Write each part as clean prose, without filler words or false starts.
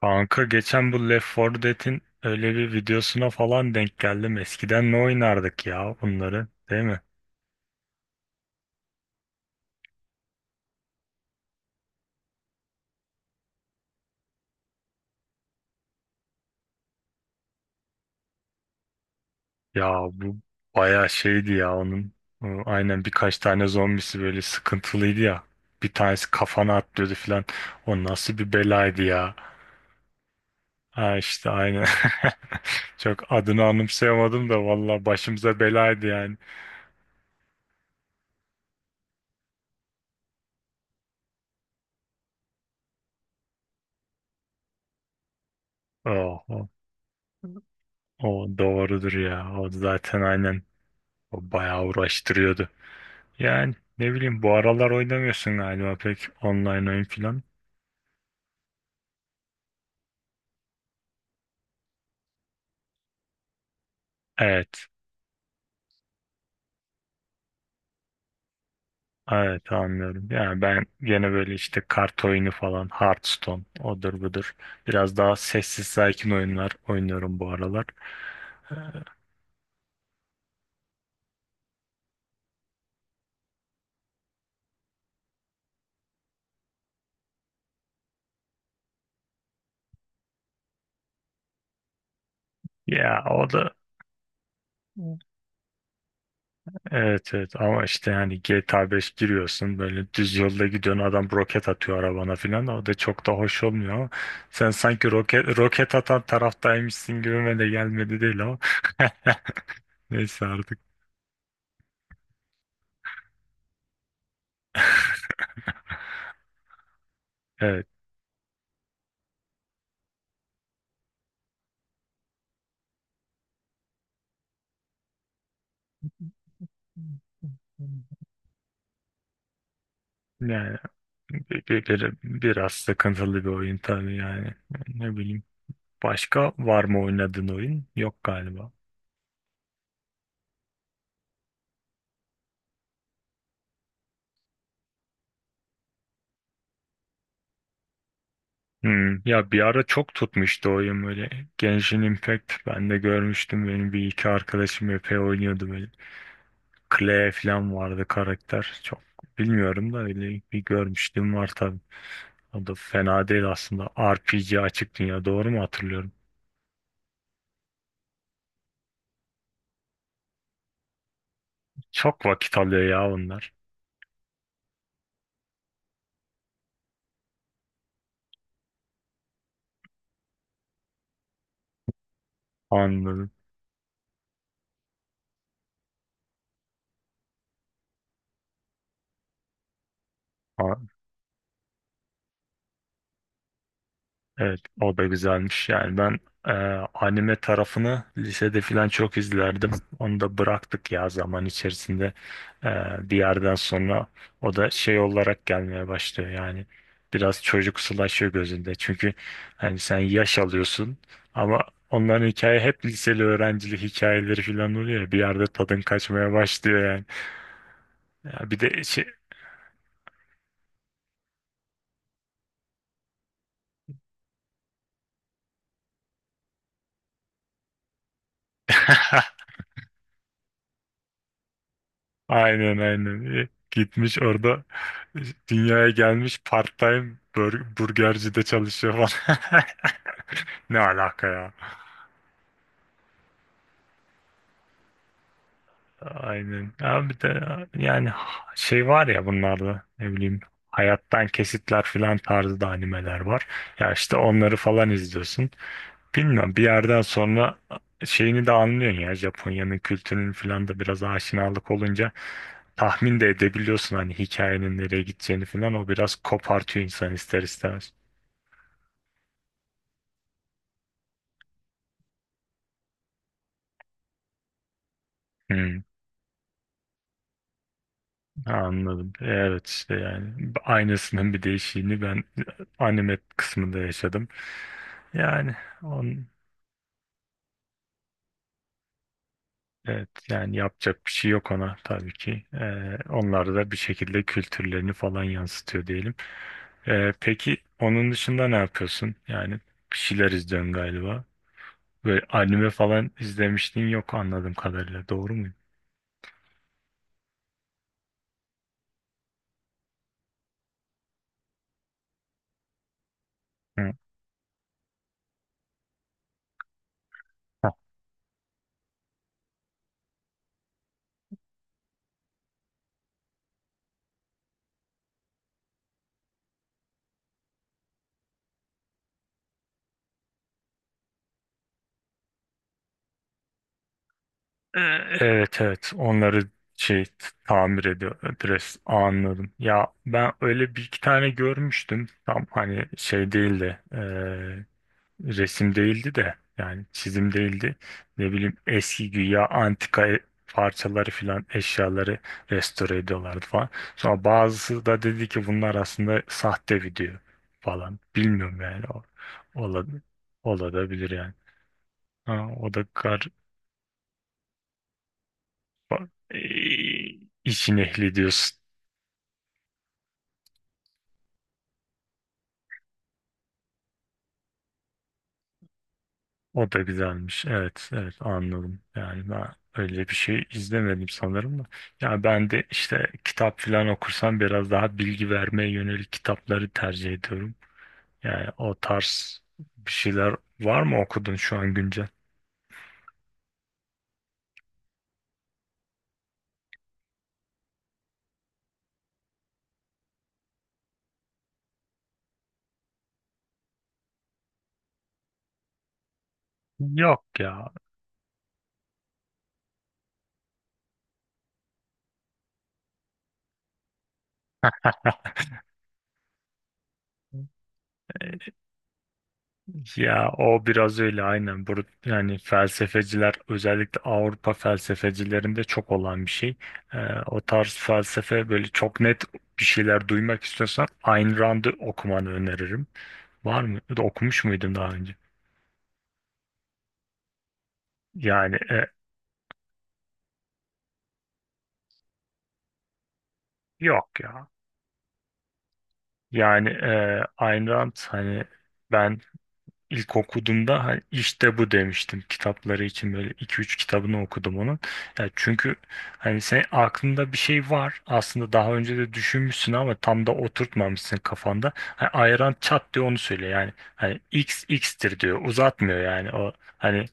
Kanka geçen bu Left 4 Dead'in öyle bir videosuna falan denk geldim. Eskiden ne oynardık ya bunları, değil mi? Ya bu bayağı şeydi ya onun. Aynen birkaç tane zombisi böyle sıkıntılıydı ya. Bir tanesi kafana atlıyordu falan. O nasıl bir belaydı ya. Ha işte aynen. Çok adını anımsayamadım da valla başımıza belaydı yani. Oh, o doğrudur ya. O zaten aynen. O bayağı uğraştırıyordu. Yani ne bileyim bu aralar oynamıyorsun galiba pek online oyun filan. Evet. Evet anlıyorum. Yani ben gene böyle işte kart oyunu falan, Hearthstone, odur budur. Biraz daha sessiz sakin oyunlar oynuyorum bu aralar. Ee, Ya o da evet evet ama işte hani GTA 5 giriyorsun böyle düz yolda gidiyorsun adam roket atıyor arabana filan o da çok da hoş olmuyor ama sen sanki roket atan taraftaymışsın gibime de gelmedi değil ama neyse artık. Evet. Yani biraz sıkıntılı bir oyun tabii yani. Ne bileyim. Başka var mı oynadığın oyun? Yok galiba. Hmm. Ya bir ara çok tutmuştu oyun böyle. Genshin Impact ben de görmüştüm. Benim bir iki arkadaşım epey oynuyordu böyle. Clay falan vardı karakter. Çok bilmiyorum da öyle bir görmüştüm var tabii. O da fena değil aslında. RPG açık dünya doğru mu hatırlıyorum? Çok vakit alıyor ya onlar. Anladım. Evet, o da güzelmiş. Yani ben e, anime tarafını lisede falan çok izlerdim. Onu da bıraktık ya zaman içerisinde. E, Bir yerden sonra o da şey olarak gelmeye başlıyor. Yani biraz çocuksulaşıyor gözünde. Çünkü hani sen yaş alıyorsun ama onların hikaye hep liseli öğrencilik hikayeleri falan oluyor ya. Bir yerde tadın kaçmaya başlıyor yani. Ya bir de şey aynen aynen. Gitmiş orada e, dünyaya gelmiş part-time burgercide çalışıyor falan. Ne alaka ya? Aynen. Abi de yani şey var ya bunlarda ne bileyim hayattan kesitler filan tarzda animeler var. Ya işte onları falan izliyorsun. Bilmiyorum bir yerden sonra şeyini de anlıyorsun ya Japonya'nın kültürünün falan da biraz aşinalık olunca tahmin de edebiliyorsun hani hikayenin nereye gideceğini falan o biraz kopartıyor insan ister istemez. Hmm, anladım. Evet işte yani aynısının bir değişiğini ben anime kısmında yaşadım. Yani on evet yani yapacak bir şey yok ona tabii ki. Onlar da bir şekilde kültürlerini falan yansıtıyor diyelim. Peki onun dışında ne yapıyorsun? Yani bir şeyler izliyorsun galiba. Böyle anime falan izlemiştin yok anladığım kadarıyla. Doğru muyum? Hı. Ha. Ee, Evet evet onları şey t- tamir ediyor adres anladım. Ya ben öyle bir iki tane görmüştüm. Tam hani şey değildi. Resim değildi de yani çizim değildi. Ne bileyim eski güya antika parçaları filan eşyaları restore ediyorlardı falan. Sonra bazısı da dedi ki bunlar aslında sahte video falan. Bilmiyorum yani ola, olabilir yani. Ha, o da kar ba- e, işin ehli diyorsun. O da güzelmiş. Evet, evet anladım. Yani ben öyle bir şey izlemedim sanırım da. Ya ben de işte kitap falan okursam biraz daha bilgi vermeye yönelik kitapları tercih ediyorum. Yani o tarz bir şeyler var mı okudun şu an güncel? Yok ya. Ya o biraz öyle aynen. Bur yani felsefeciler özellikle Avrupa felsefecilerinde çok olan bir şey. Ee, O tarz felsefe böyle çok net bir şeyler duymak istiyorsan Ayn Rand'ı okumanı öneririm. Var mı? Ya okumuş muydun daha önce? Yani e, yok ya. Ayn Rand hani ben İlk okuduğumda "Ha, işte bu" demiştim kitapları için böyle iki üç kitabını okudum onun. Ya çünkü hani sen aklında bir şey var aslında daha önce de düşünmüşsün ama tam da oturtmamışsın kafanda. Hani ayran çat diyor onu söylüyor yani hani x x'tir diyor uzatmıyor yani o hani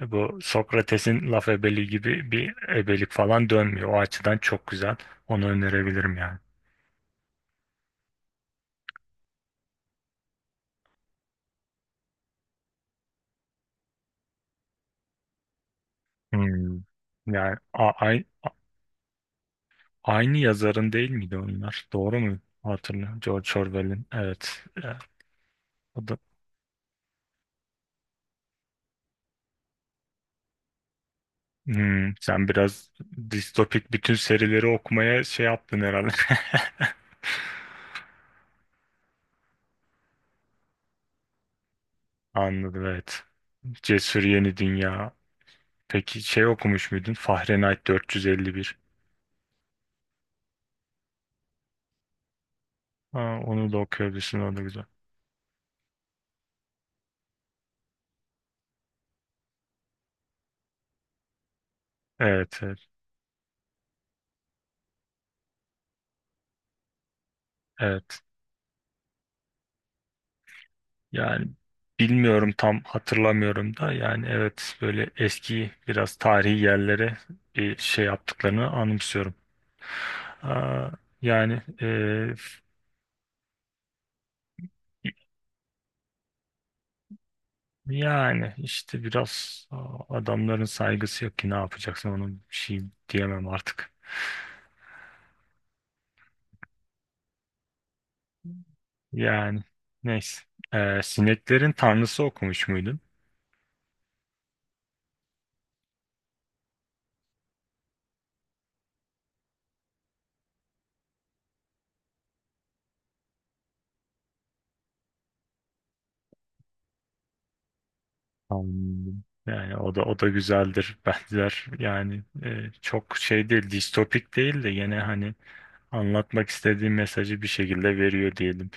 bu Sokrates'in laf ebeliği gibi bir ebelik falan dönmüyor. O açıdan çok güzel onu önerebilirim yani. Hmm. Yani a- ay- Aynı yazarın değil miydi onlar? Doğru mu hatırlıyorum? George Orwell'in. Evet. O da... Hmm, sen biraz distopik bütün serileri okumaya şey yaptın herhalde. Anladım evet. Cesur Yeni Dünya. Peki şey okumuş muydun? Fahrenheit 451. Ha, onu da okuyabilirsin o da güzel. Evet evet. Evet. Yani bilmiyorum tam hatırlamıyorum da yani evet böyle eski biraz tarihi yerlere bir şey yaptıklarını anımsıyorum. Aa, yani e, yani işte biraz adamların saygısı yok ki ne yapacaksın onun bir şey diyemem artık. Yani neyse. Sineklerin tanrısı okumuş muydun? Anladım. Yani o da güzeldir benzer yani çok şey değil distopik değil de gene hani anlatmak istediği mesajı bir şekilde veriyor diyelim.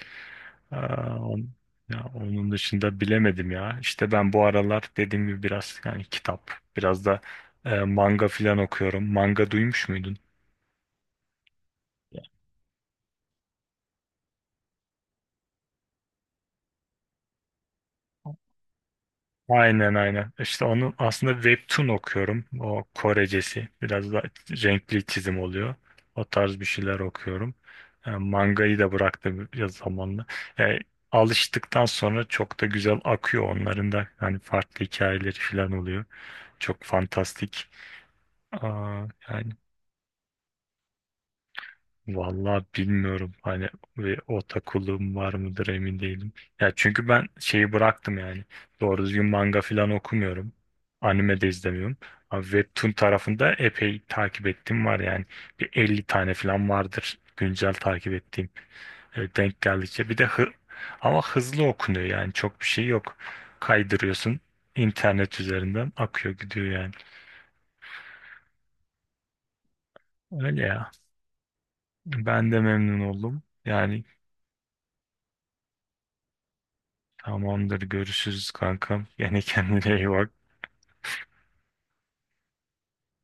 Aa, on- ya onun dışında bilemedim ya. İşte ben bu aralar dediğim gibi biraz yani kitap, biraz da manga filan okuyorum. Manga duymuş muydun? Aynen aynen. İşte onu aslında webtoon okuyorum. O Korecesi. Biraz da renkli çizim oluyor. O tarz bir şeyler okuyorum. Mangayı da bıraktım biraz zamanla. E, Alıştıktan sonra çok da güzel akıyor onların da. Hani farklı hikayeleri falan oluyor. Çok fantastik. Aa, yani Vallahi bilmiyorum hani ve o takılığım var mıdır emin değilim. Ya çünkü ben şeyi bıraktım yani. Doğru düzgün manga falan okumuyorum. Anime de izlemiyorum. Ama Webtoon tarafında epey takip ettiğim var yani. Bir 50 tane falan vardır güncel takip ettiğim. Denk geldikçe. Bir de hı ama hızlı okunuyor yani çok bir şey yok. Kaydırıyorsun internet üzerinden akıyor gidiyor yani. Öyle ya. Ben de memnun oldum. Tamamdır. Görüşürüz kankam. Yani kendine iyi bak.